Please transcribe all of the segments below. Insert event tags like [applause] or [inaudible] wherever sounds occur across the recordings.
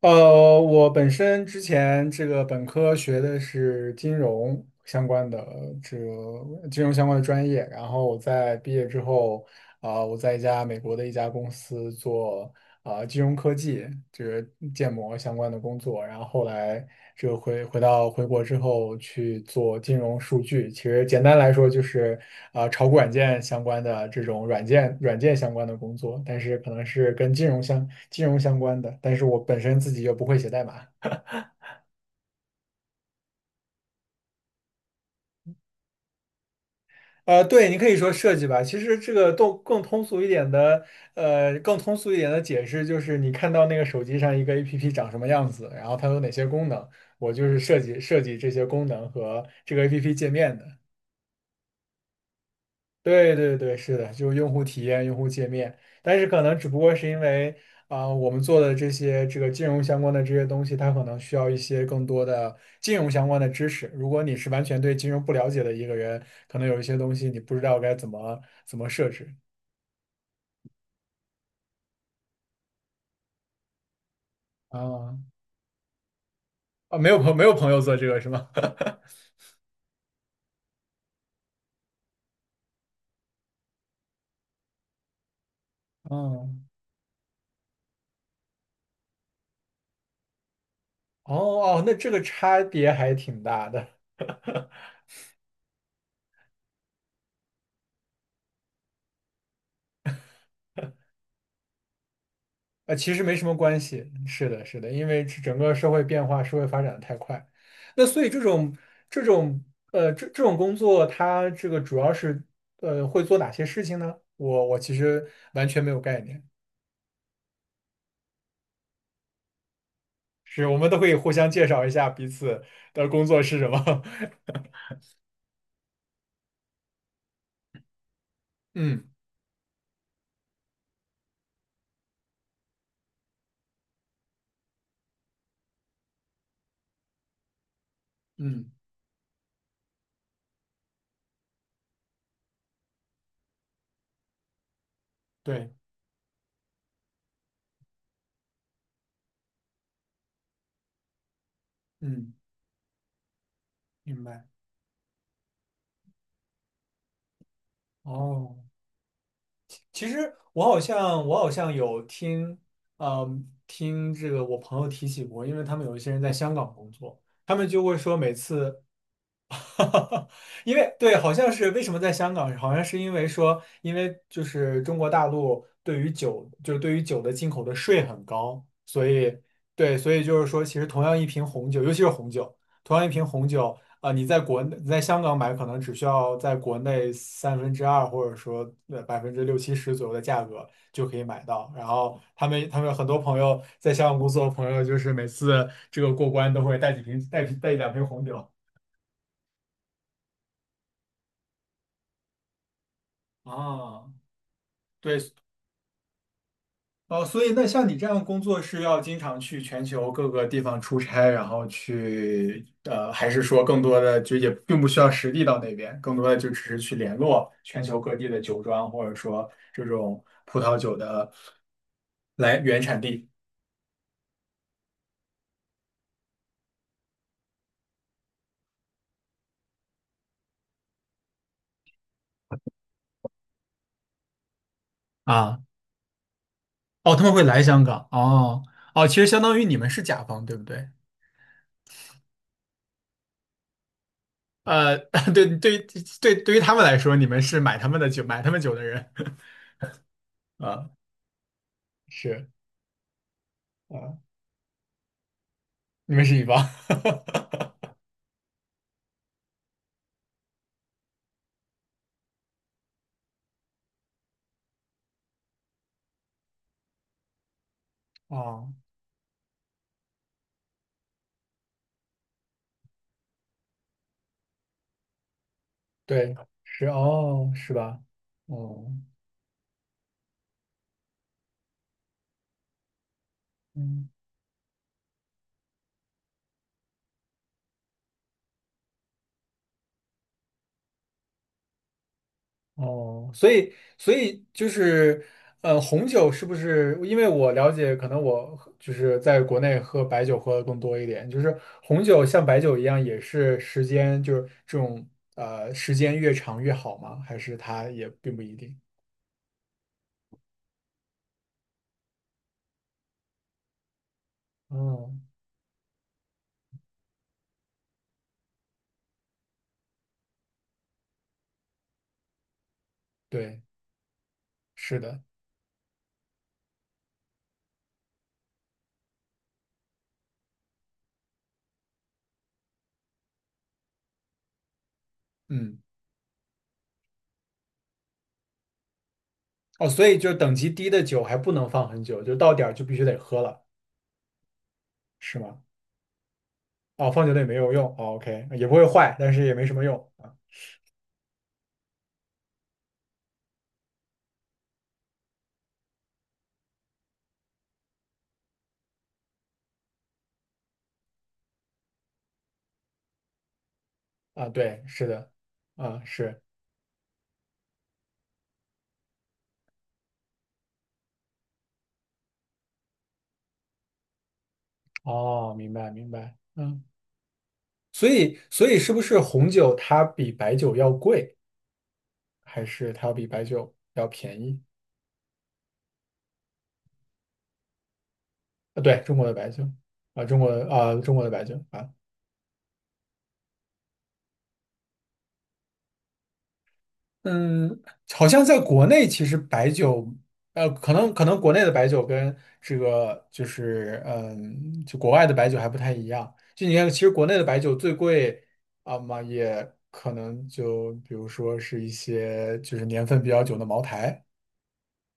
我本身之前这个本科学的是金融相关的，这个金融相关的专业。然后我在毕业之后，我在一家美国的一家公司做金融科技，就是建模相关的工作，然后后来就回国之后去做金融数据，其实简单来说就是炒股软件相关的这种软件相关的工作，但是可能是跟金融相关的，但是我本身自己又不会写代码。对，你可以说设计吧。其实这个都更通俗一点的解释就是，你看到那个手机上一个 APP 长什么样子，然后它有哪些功能，我就是设计这些功能和这个 APP 界面的。对对对，是的，就是用户体验、用户界面，但是可能只不过是因为我们做的这些这个金融相关的这些东西，它可能需要一些更多的金融相关的知识。如果你是完全对金融不了解的一个人，可能有一些东西你不知道该怎么设置。啊啊，没有朋友做这个是吗？[laughs] 嗯，哦哦，那这个差别还挺大的。[laughs] 其实没什么关系，是的，是的，因为这整个社会变化、社会发展的太快，那所以这种这种工作，它这个主要是会做哪些事情呢？我其实完全没有概念，是我们都可以互相介绍一下彼此的工作是什么。[laughs] 嗯嗯，对，嗯，明白。哦。其实我好像有听，嗯，听这个我朋友提起过，因为他们有一些人在香港工作，他们就会说每次 [laughs] 哈哈，因为对，好像是为什么在香港，好像是因为说，因为就是中国大陆对于酒，就是对于酒的进口的税很高，所以对，所以就是说，其实同样一瓶红酒，尤其是红酒，同样一瓶红酒，你在国内你在香港买，可能只需要在国内三分之二或者说百分之六七十左右的价格就可以买到。然后他们很多朋友在香港工作的朋友，就是每次这个过关都会带几瓶带一两瓶红酒啊。对，哦，所以那像你这样工作是要经常去全球各个地方出差，然后去，还是说更多的就也并不需要实地到那边，更多的就只是去联络全球各地的酒庄，或者说这种葡萄酒的来原产地。啊，哦，他们会来香港，哦，哦，其实相当于你们是甲方，对不对？呃，[laughs] 对，对，对，对于他们来说，你们是买他们的酒，买他们酒的人 [laughs] 啊。是啊，你们是乙方，[laughs] 哦，对，是哦，是吧？哦，嗯，哦，所以，所以就是，红酒是不是？因为我了解，可能我喝就是在国内喝白酒喝的更多一点，就是红酒像白酒一样，也是时间就是这种时间越长越好吗？还是它也并不一定？哦，对，是的，嗯，哦，所以就等级低的酒还不能放很久，就到点儿就必须得喝了，是吗？哦，放久了也没有用。哦，OK,也不会坏，但是也没什么用啊啊，对，是的，啊是，哦，明白明白，嗯，所以是不是红酒它比白酒要贵，还是它要比白酒要便宜？啊，对，中国的白酒啊，中国的啊，中国的白酒啊。嗯，好像在国内，其实白酒，可能国内的白酒跟这个就是，嗯，就国外的白酒还不太一样。就你看，其实国内的白酒最贵啊嘛，也可能就比如说是一些就是年份比较久的茅台。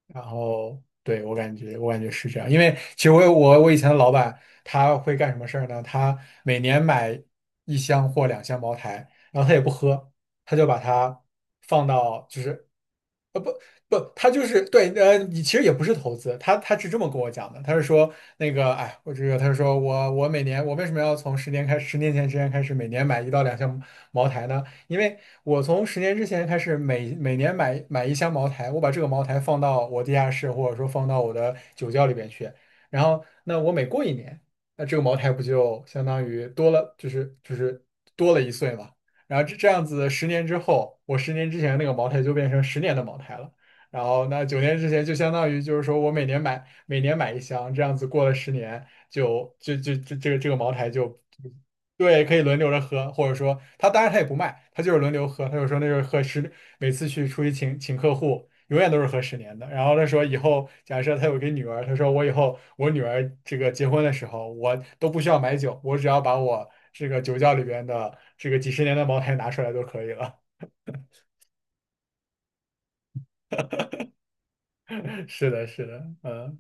然后，对，我感觉是这样，因为其实我有我我以前的老板他会干什么事儿呢？他每年买一箱或两箱茅台，然后他也不喝。他就把它放到，就是不不，他就是对，你其实也不是投资，他是这么跟我讲的，他是说那个，哎，我这个，他是说我每年我为什么要从十年前之前开始每年买一到两箱茅台呢？因为我从十年之前开始每年买一箱茅台，我把这个茅台放到我地下室或者说放到我的酒窖里边去，然后那我每过一年，那这个茅台不就相当于多了，就是多了一岁嘛。然后这样子，十年之后，我十年之前那个茅台就变成十年的茅台了。然后那九年之前就相当于就是说我每年买一箱，这样子过了十年就这个茅台就对可以轮流着喝，或者说他当然他也不卖，他就是轮流喝，他就说那就是每次出去请客户，永远都是喝十年的。然后他说以后假设他有个女儿，他说我以后我女儿这个结婚的时候，我都不需要买酒，我只要把我这个酒窖里边的这个几十年的茅台拿出来就可以了。[laughs] 是的，是的，嗯，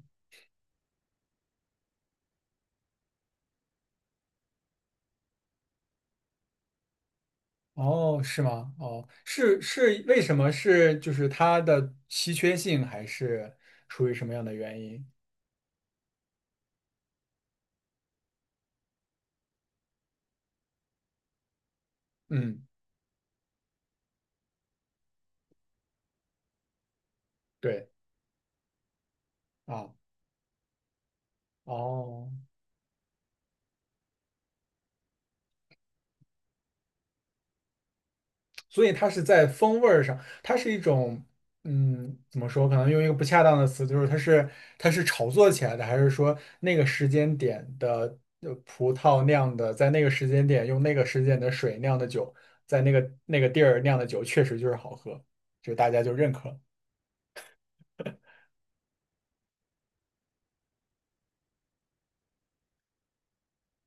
哦，是吗？哦，是是，为什么是就是它的稀缺性，还是出于什么样的原因？嗯，对啊，哦。所以它是在风味儿上，它是一种，嗯，怎么说？可能用一个不恰当的词，就是它是炒作起来的，还是说那个时间点的葡萄酿的，在那个时间点用那个时间点的水酿的酒，在那个地儿酿的酒，确实就是好喝，就大家就认可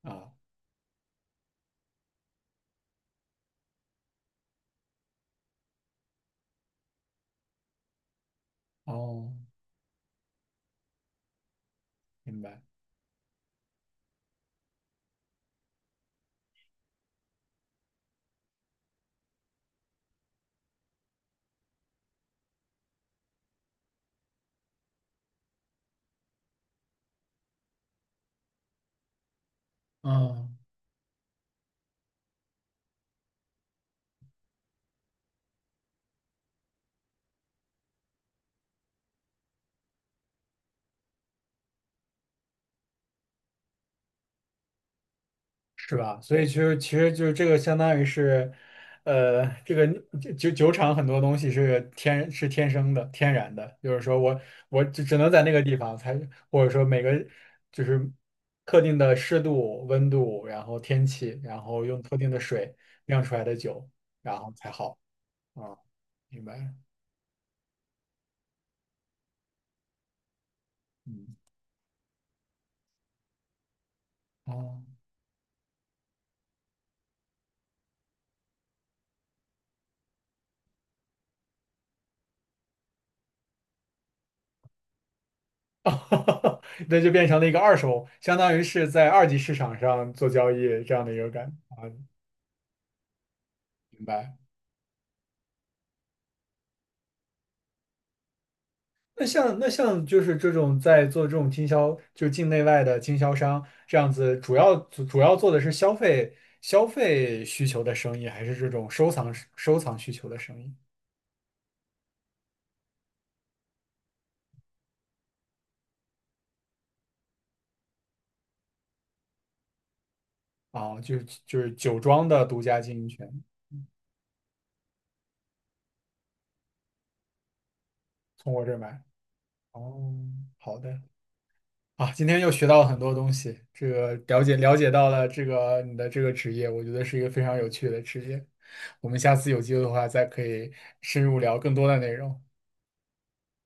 啊。哦，明白。嗯。是吧？所以其实就是这个相当于是，这个酒厂很多东西是天生的、天然的，就是说我只能在那个地方才，或者说每个就是特定的湿度、温度，然后天气，然后用特定的水酿出来的酒，然后才好啊，明白了？嗯，哦。[laughs] 那就变成了一个二手，相当于是在二级市场上做交易这样的一个感觉，明白。那像就是这种在做这种经销，就是境内外的经销商这样子，主要做的是消费需求的生意，还是这种收藏需求的生意啊？就是酒庄的独家经营权，从我这儿买。哦，好的啊，今天又学到了很多东西，这个了解到了这个你的这个职业，我觉得是一个非常有趣的职业。我们下次有机会的话，再可以深入聊更多的内容。